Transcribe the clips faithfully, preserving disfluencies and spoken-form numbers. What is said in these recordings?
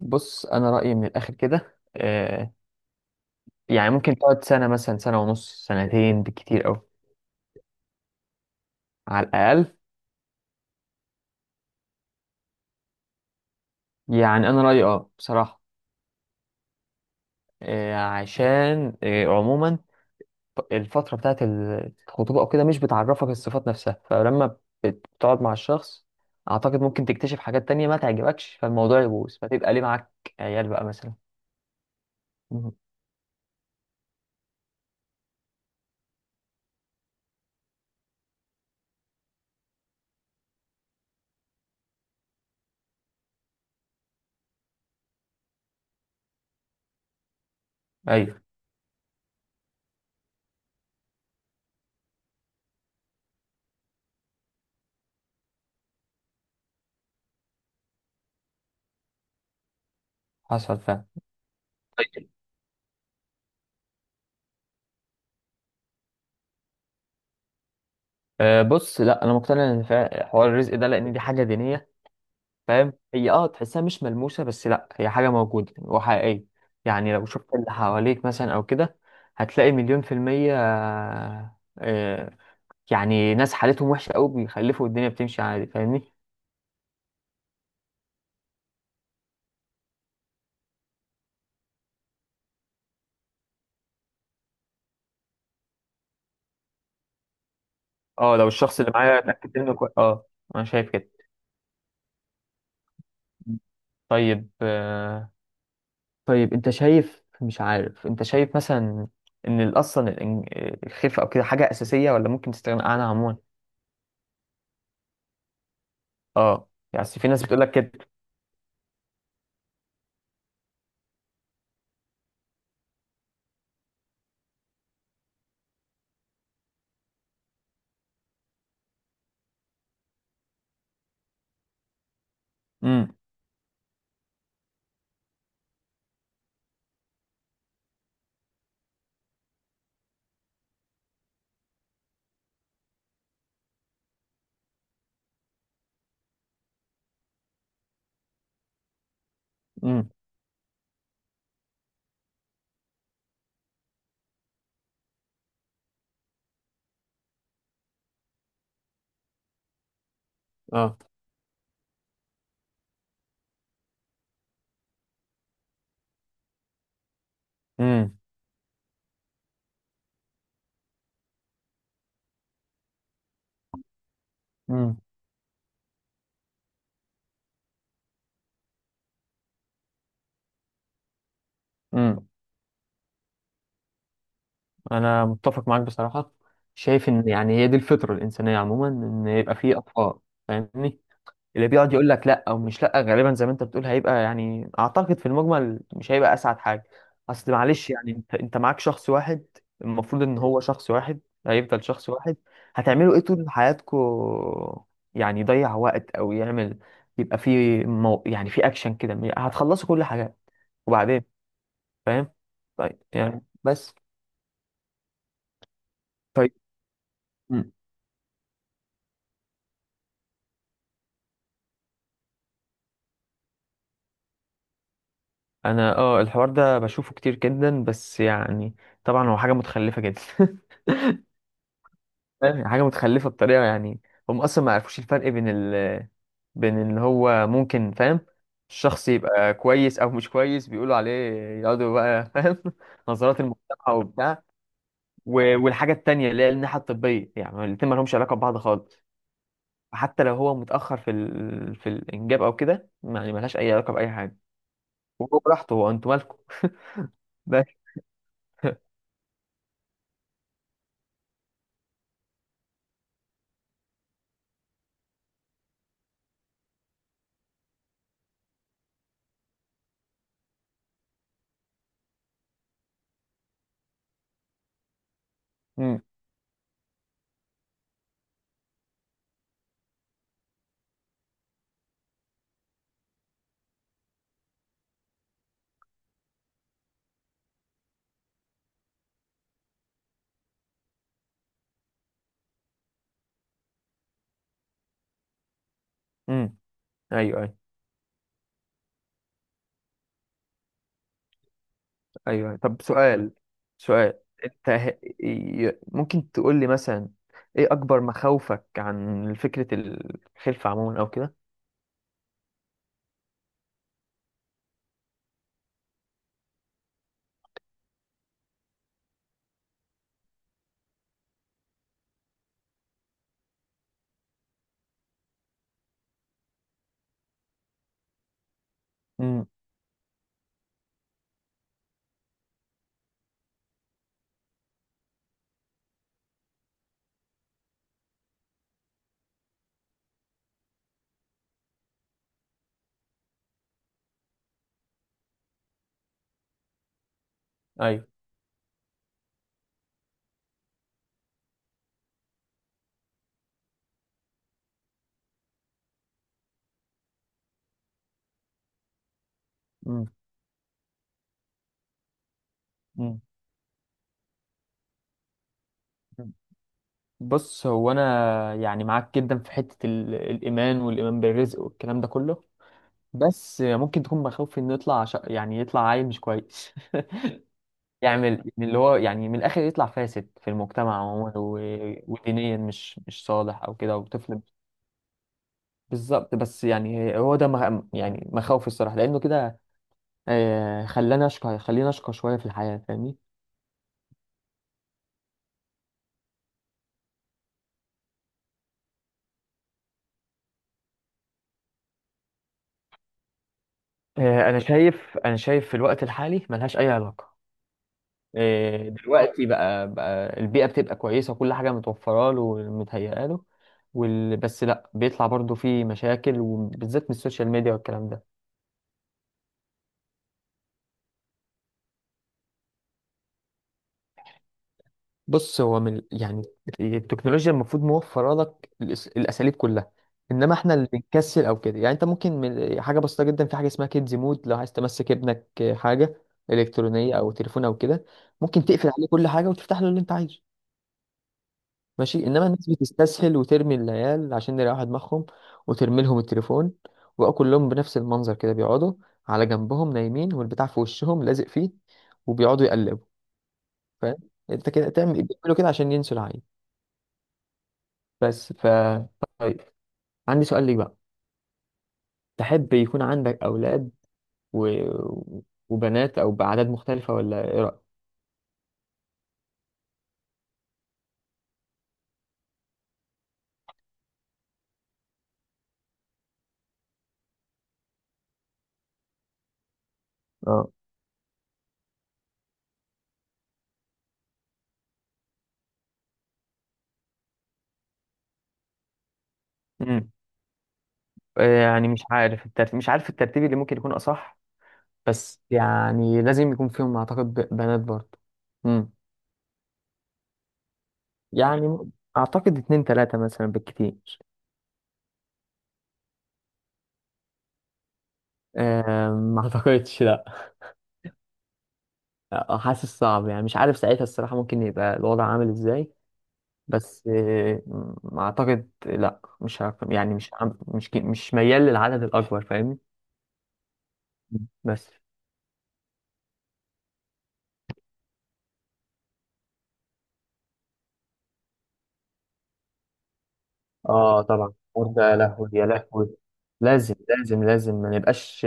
بص انا رايي من الاخر كده. آه يعني ممكن تقعد سنه مثلا، سنه ونص، سنتين بالكتير قوي. على الاقل. يعني انا رايي اه بصراحه. آه عشان آه عموما الفتره بتاعت الخطوبه او كده مش بتعرفك الصفات نفسها، فلما بتقعد مع الشخص اعتقد ممكن تكتشف حاجات تانية ما تعجبكش، فالموضوع يبوظ فتبقى ليه معاك عيال بقى مثلا. مم. ايوه حصل فعلا. طيب. آه بص لا، انا مقتنع ان فع- حوار الرزق ده، لان دي حاجه دينيه. فاهم؟ هي اه تحسها مش ملموسة، بس لا، هي حاجة موجودة وحقيقية. يعني لو شفت اللي حواليك مثلا أو كده هتلاقي مليون في المية. آه، آه، يعني ناس حالتهم وحشة أوي بيخلفوا والدنيا بتمشي عادي، فاهمني. اه لو الشخص اللي معايا اتأكدت منه كويس، اه أنا شايف كده. طيب آه، طيب أنت شايف، مش عارف أنت شايف مثلا إن ال- أصلا الإن- الخلفة أو كده حاجة أساسية، ولا ممكن تستغنى عنها عموما؟ اه يعني أصل في ناس بتقولك كده. امم. امم. اه. امم. امم امم انا متفق معاك بصراحه. شايف ان يعني هي دي الفطره الانسانيه عموما، ان يبقى فيه اطفال، فاهمني. اللي بيقعد يقول لك لا، او مش لا، غالبا زي ما انت بتقول هيبقى، يعني اعتقد في المجمل مش هيبقى اسعد حاجه. اصل معلش، يعني انت انت معاك شخص واحد، المفروض ان هو شخص واحد، هيفضل شخص واحد. هتعملوا ايه طول حياتكو؟ يعني يضيع وقت او يعمل، يبقى فيه مو... يعني في اكشن كده هتخلصوا كل حاجه، وبعدين؟ فاهم؟ طيب يعني بس. طيب. مم. انا اه الحوار ده بشوفه كتير جدا، بس يعني طبعا هو حاجه متخلفه جدا فاهم؟ حاجه متخلفه بطريقه، يعني هم اصلا ما يعرفوش الفرق بين ال بين ان هو، ممكن، فاهم، الشخص يبقى كويس او مش كويس بيقولوا عليه. يقعدوا بقى فاهم نظرات المجتمع وبتاع. و- والحاجه التانيه اللي هي الناحيه الطبيه، يعني الاتنين ما لهمش علاقه ببعض خالص. حتى لو هو متاخر في ال... في الانجاب او كده، يعني ملهاش اي علاقه باي حاجه. وهو براحته، هو انتوا مالكم؟ بس. امم. ايوه. ايوه. ايوه. أيوه. طب سؤال، سؤال. انت ه- ي- ممكن تقول لي مثلا ايه اكبر مخاوفك عن فكرة الخلفة عموما او كده؟ امم. ايوه. امم. مم. بص هو انا يعني معاك جدا في حته ال- الايمان، والايمان بالرزق والكلام ده كله. بس ممكن تكون مخاوف انه يطلع عش... يعني يطلع عيل مش كويس يعمل من اللي هو يعني من الاخر يطلع فاسد في المجتمع عموما، و... ودينيا مش مش صالح او كده، او طفل. بالظبط. بس يعني هو ده مخ... يعني مخاوفي الصراحه، لانه كده آه، خلاني اشقى، خليني اشقى شويه في الحياه، فاهمني. آه، انا شايف انا شايف في الوقت الحالي ملهاش اي علاقه. آه، دلوقتي بقى، بقى البيئه بتبقى كويسه وكل حاجه متوفره له ومتهيئه له، وال... بس لا، بيطلع برضو فيه مشاكل وبالذات من السوشيال ميديا والكلام ده. بص هو من يعني التكنولوجيا المفروض موفره لك الأس- الاساليب كلها، انما احنا اللي بنكسل او كده. يعني انت ممكن من حاجه بسيطه جدا، في حاجه اسمها كيدز مود، لو عايز تمسك ابنك حاجه الكترونيه او تليفون او كده، ممكن تقفل عليه كل حاجه وتفتح له اللي انت عايزه، ماشي. انما الناس بتستسهل وترمي العيال عشان يريحوا دماغهم وترمي لهم التليفون، وبقوا كلهم بنفس المنظر كده بيقعدوا على جنبهم نايمين والبتاع في وشهم لازق فيه، وبيقعدوا يقلبوا، فاهم. انت كده تعمل، بيعملوا كده عشان ينسوا العيل. بس ف، طيب. عندي سؤال ليك بقى. تحب يكون عندك أولاد و... وبنات أو بأعداد مختلفة، ولا إيه رأيك؟ اه. امم. يعني مش عارف الترتيب، مش عارف الترتيب اللي ممكن يكون أصح، بس يعني لازم يكون فيهم أعتقد ب- بنات برضه. امم. يعني م- أعتقد اتنين تلاتة مثلا بالكتير. أم، ما أعتقدش لأ. أه، حاسس صعب، يعني مش عارف ساعتها الصراحة ممكن يبقى الوضع عامل إزاي، بس آه، م- اعتقد لا، مش هك... يعني مش عم- مش ك- مش ميال للعدد الاكبر، فاهمني. بس اه، طبعا انت يا لهوي يا لهوي، لازم لازم لازم. ما نبقاش،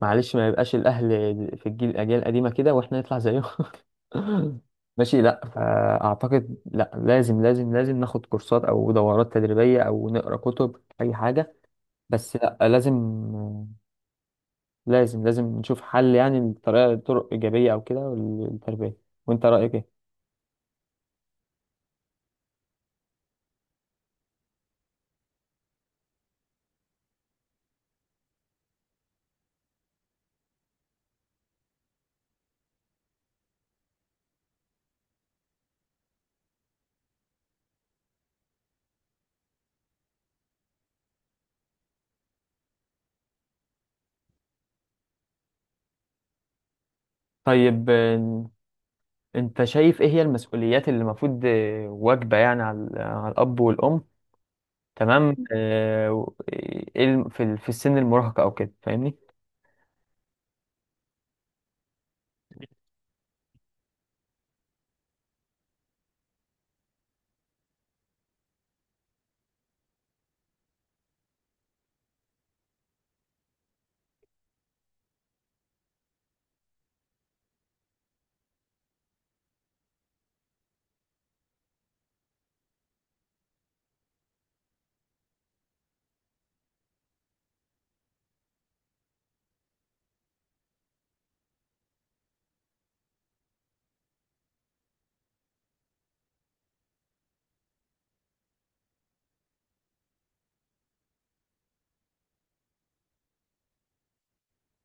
معلش، ما يبقاش الاهل في الجيل الاجيال القديمه كده واحنا نطلع زيهم ماشي، لا فاعتقد لا، لازم لازم لازم ناخد كورسات او دورات تدريبيه او نقرا كتب اي حاجه، بس لا لازم، لازم لازم نشوف حل، يعني لطريقة، طرق إيجابية أو كده للتربية. وأنت رأيك إيه؟ طيب، آه، انت شايف ايه هي المسؤوليات اللي المفروض آه، واجبة يعني على على الاب والام؟ تمام. آه، و- ايه الم- في ال- في السن المراهقة او كده، فاهمني؟